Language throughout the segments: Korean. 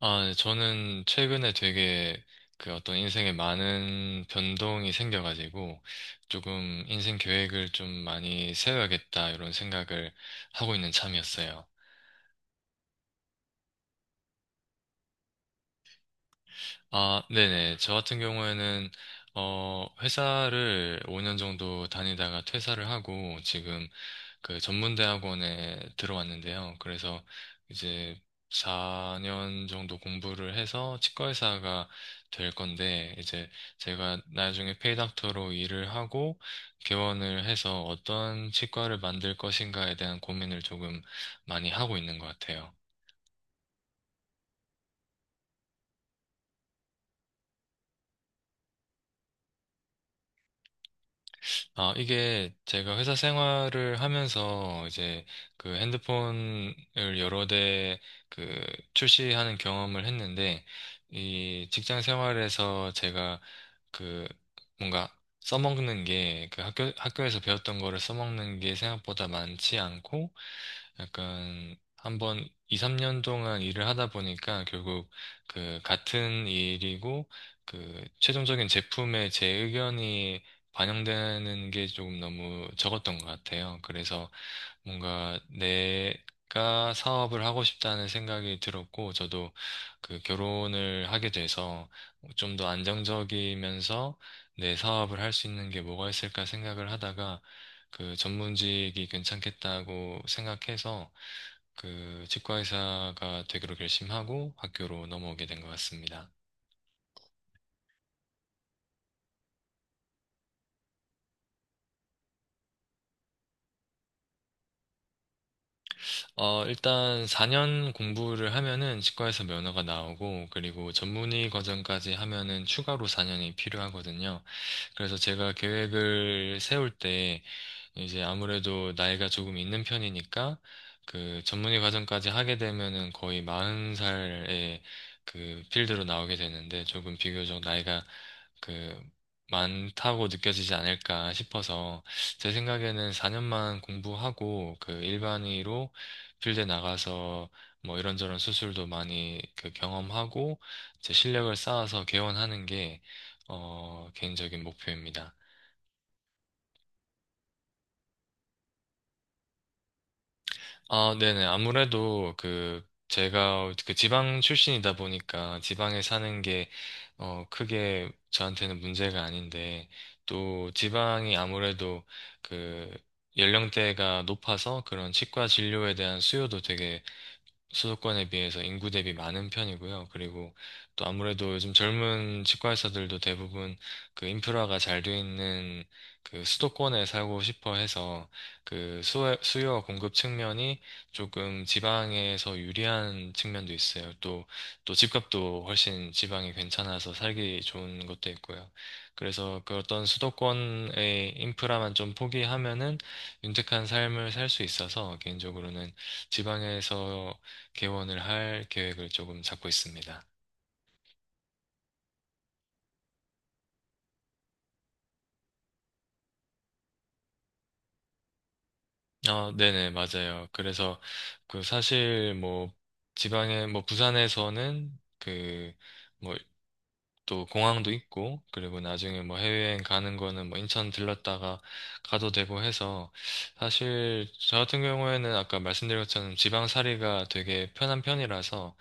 아, 네, 저는 최근에 되게 그 어떤 인생에 많은 변동이 생겨가지고 조금 인생 계획을 좀 많이 세워야겠다 이런 생각을 하고 있는 참이었어요. 아, 네네. 저 같은 경우에는 어, 회사를 5년 정도 다니다가 퇴사를 하고 지금 그 전문대학원에 들어왔는데요. 그래서 이제 4년 정도 공부를 해서 치과의사가 될 건데, 이제 제가 나중에 페이닥터로 일을 하고 개원을 해서 어떤 치과를 만들 것인가에 대한 고민을 조금 많이 하고 있는 것 같아요. 아, 이게 제가 회사 생활을 하면서 이제 그 핸드폰을 여러 대 그 출시하는 경험을 했는데, 이 직장 생활에서 제가 그 뭔가 써먹는 게 그 학교에서 배웠던 거를 써먹는 게 생각보다 많지 않고, 약간 한번 2, 3년 동안 일을 하다 보니까 결국 그 같은 일이고 그 최종적인 제품에 제 의견이 반영되는 게 조금 너무 적었던 것 같아요. 그래서 뭔가 내가 사업을 하고 싶다는 생각이 들었고, 저도 그 결혼을 하게 돼서 좀 더 안정적이면서 내 사업을 할 수 있는 게 뭐가 있을까 생각을 하다가 그 전문직이 괜찮겠다고 생각해서 그 치과 의사가 되기로 결심하고 학교로 넘어오게 된 것 같습니다. 어, 일단 4년 공부를 하면은 치과에서 면허가 나오고, 그리고 전문의 과정까지 하면은 추가로 4년이 필요하거든요. 그래서 제가 계획을 세울 때 이제 아무래도 나이가 조금 있는 편이니까, 그 전문의 과정까지 하게 되면은 거의 40살에 그 필드로 나오게 되는데 조금 비교적 나이가 그 많다고 느껴지지 않을까 싶어서, 제 생각에는 4년만 공부하고 그 일반의로 필드에 나가서 뭐 이런저런 수술도 많이 그 경험하고 제 실력을 쌓아서 개원하는 게 어, 개인적인 목표입니다. 아, 네네. 아무래도 그 제가 그 지방 출신이다 보니까 지방에 사는 게 어, 크게 저한테는 문제가 아닌데, 또 지방이 아무래도 그 연령대가 높아서 그런 치과 진료에 대한 수요도 되게 수도권에 비해서 인구 대비 많은 편이고요. 그리고 또 아무래도 요즘 젊은 치과 의사들도 대부분 그 인프라가 잘 돼 있는 그 수도권에 살고 싶어 해서, 그 수요와 공급 측면이 조금 지방에서 유리한 측면도 있어요. 또, 또 집값도 훨씬 지방이 괜찮아서 살기 좋은 것도 있고요. 그래서 그 어떤 수도권의 인프라만 좀 포기하면은 윤택한 삶을 살 수 있어서, 개인적으로는 지방에서 개원을 할 계획을 조금 잡고 있습니다. 어, 네네, 맞아요. 그래서 그 사실 뭐 지방에 뭐 부산에서는 그 뭐 또 공항도 있고, 그리고 나중에 뭐 해외여행 가는 거는 뭐 인천 들렀다가 가도 되고 해서, 사실 저 같은 경우에는 아까 말씀드린 것처럼 지방살이가 되게 편한 편이라서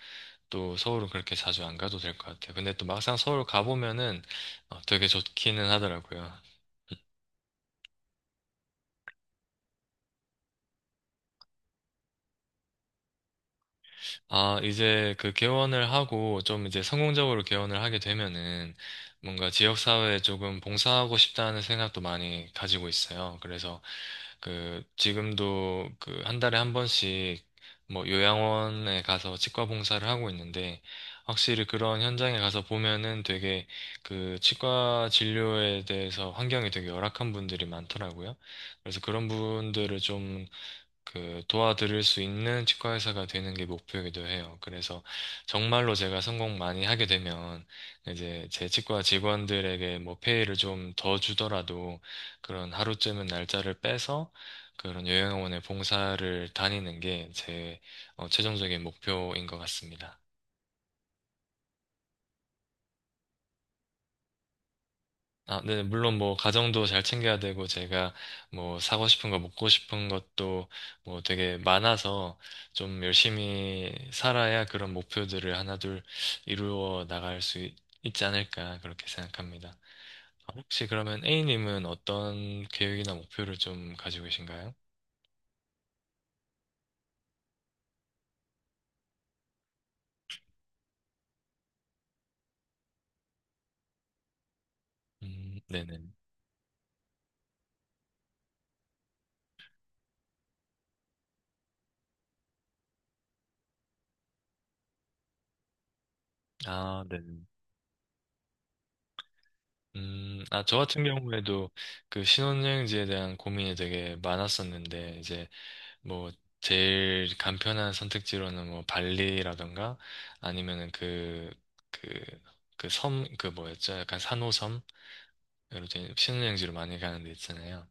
또 서울은 그렇게 자주 안 가도 될 것 같아요. 근데 또 막상 서울 가보면은 어, 되게 좋기는 하더라고요. 아, 이제 그 개원을 하고 좀 이제 성공적으로 개원을 하게 되면은, 뭔가 지역사회에 조금 봉사하고 싶다는 생각도 많이 가지고 있어요. 그래서 그 지금도 그 한 달에 한 번씩 뭐 요양원에 가서 치과 봉사를 하고 있는데, 확실히 그런 현장에 가서 보면은 되게 그 치과 진료에 대해서 환경이 되게 열악한 분들이 많더라고요. 그래서 그런 분들을 좀 그 도와드릴 수 있는 치과 의사가 되는 게 목표이기도 해요. 그래서 정말로 제가 성공 많이 하게 되면 이제 제 치과 직원들에게 뭐 페이를 좀 더 주더라도 그런 하루쯤은 날짜를 빼서 그런 요양원의 봉사를 다니는 게제 어, 최종적인 목표인 것 같습니다. 아, 네, 물론 뭐 가정도 잘 챙겨야 되고 제가 뭐 사고 싶은 거 먹고 싶은 것도 뭐 되게 많아서 좀 열심히 살아야 그런 목표들을 하나둘 이루어 나갈 수 있, 지 않을까 그렇게 생각합니다. 아, 혹시 그러면 A님은 어떤 계획이나 목표를 좀 가지고 계신가요? 네네. 아, 네. 아, 저 같은 경우에도 그 신혼여행지에 대한 고민이 되게 많았었는데, 이제 뭐 제일 간편한 선택지로는 뭐 발리라던가 아니면은 그 그 그 섬 그 뭐였죠? 약간 산호섬, 이런 데 신혼여행지로 많이 가는 데 있잖아요.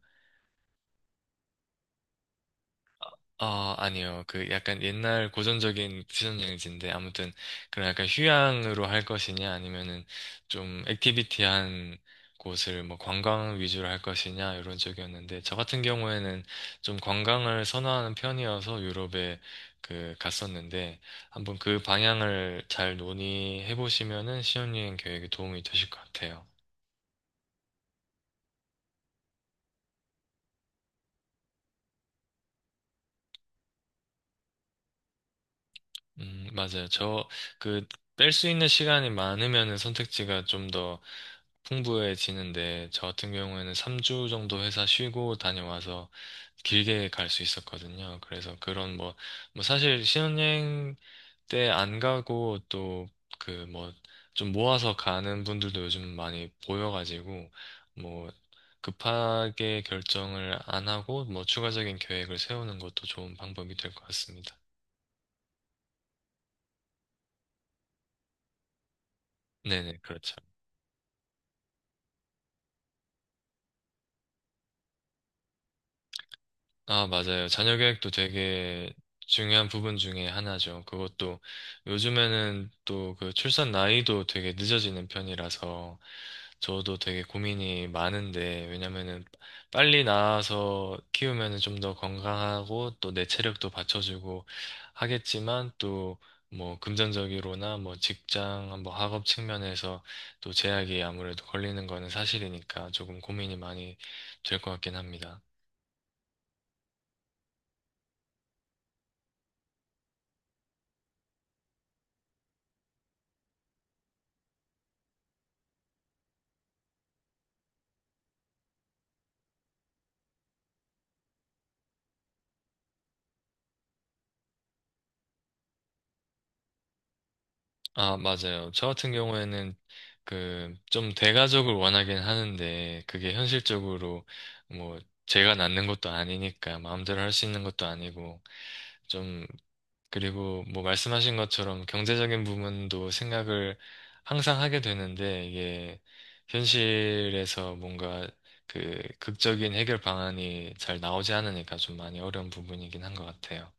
아, 아니요. 그 약간 옛날 고전적인 퓨전 여행지인데, 아무튼 그런 약간 휴양으로 할 것이냐 아니면은 좀 액티비티한 곳을 뭐 관광 위주로 할 것이냐 이런 쪽이었는데, 저 같은 경우에는 좀 관광을 선호하는 편이어서 유럽에 그 갔었는데, 한번 그 방향을 잘 논의해 보시면은 신혼여행 계획에 도움이 되실 것 같아요. 맞아요. 저, 그, 뺄 수 있는 시간이 많으면 선택지가 좀 더 풍부해지는데, 저 같은 경우에는 3주 정도 회사 쉬고 다녀와서 길게 갈 수 있었거든요. 그래서 그런 뭐, 뭐 사실 신혼여행 때 안 가고 또 그 뭐, 좀 모아서 가는 분들도 요즘 많이 보여가지고, 뭐, 급하게 결정을 안 하고, 뭐, 추가적인 계획을 세우는 것도 좋은 방법이 될 것 같습니다. 네네, 그렇죠. 아, 맞아요. 자녀 교육도 되게 중요한 부분 중에 하나죠. 그것도 요즘에는 또 그 출산 나이도 되게 늦어지는 편이라서 저도 되게 고민이 많은데, 왜냐면은 빨리 낳아서 키우면은 좀 더 건강하고 또 내 체력도 받쳐주고 하겠지만, 또 뭐 금전적으로나 뭐 직장 뭐 학업 측면에서 또 제약이 아무래도 걸리는 거는 사실이니까 조금 고민이 많이 될 것 같긴 합니다. 아, 맞아요. 저 같은 경우에는 그 좀 대가족을 원하긴 하는데, 그게 현실적으로 뭐 제가 낳는 것도 아니니까 마음대로 할 수 있는 것도 아니고, 좀, 그리고 뭐 말씀하신 것처럼 경제적인 부분도 생각을 항상 하게 되는데, 이게 현실에서 뭔가 그 극적인 해결 방안이 잘 나오지 않으니까 좀 많이 어려운 부분이긴 한 것 같아요.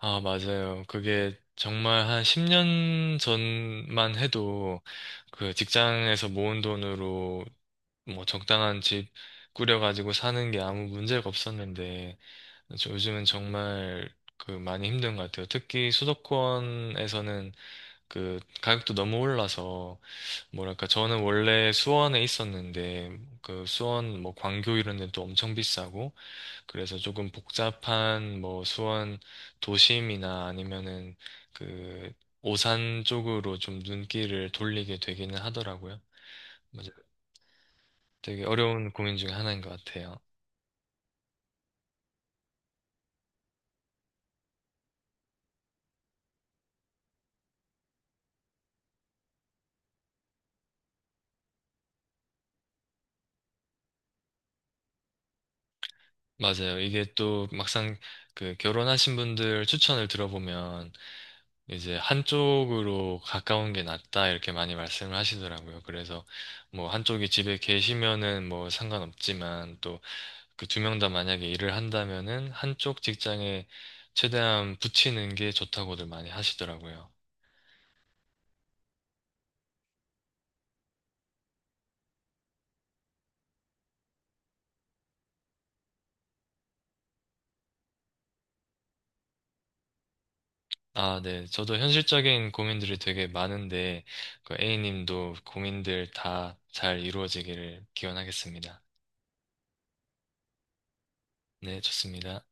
아, 맞아요. 그게 정말 한 10년 전만 해도 그 직장에서 모은 돈으로 뭐 적당한 집 꾸려가지고 사는 게 아무 문제가 없었는데, 저- 요즘은 정말 그 많이 힘든 것 같아요. 특히 수도권에서는 그 가격도 너무 올라서, 뭐랄까 저는 원래 수원에 있었는데 그 수원 뭐 광교 이런 데도 엄청 비싸고, 그래서 조금 복잡한 뭐 수원 도심이나 아니면은 그 오산 쪽으로 좀 눈길을 돌리게 되기는 하더라고요. 맞아요. 되게 어려운 고민 중에 하나인 것 같아요. 맞아요. 이게 또 막상 그 결혼하신 분들 추천을 들어보면, 이제 한쪽으로 가까운 게 낫다 이렇게 많이 말씀을 하시더라고요. 그래서 뭐 한쪽이 집에 계시면은 뭐 상관없지만, 그 두 명 다 만약에 일을 한다면은 한쪽 직장에 최대한 붙이는 게 좋다고들 많이 하시더라고요. 아, 네. 저도 현실적인 고민들이 되게 많은데, 그 A님도 고민들 다 잘 이루어지기를 기원하겠습니다. 네, 좋습니다.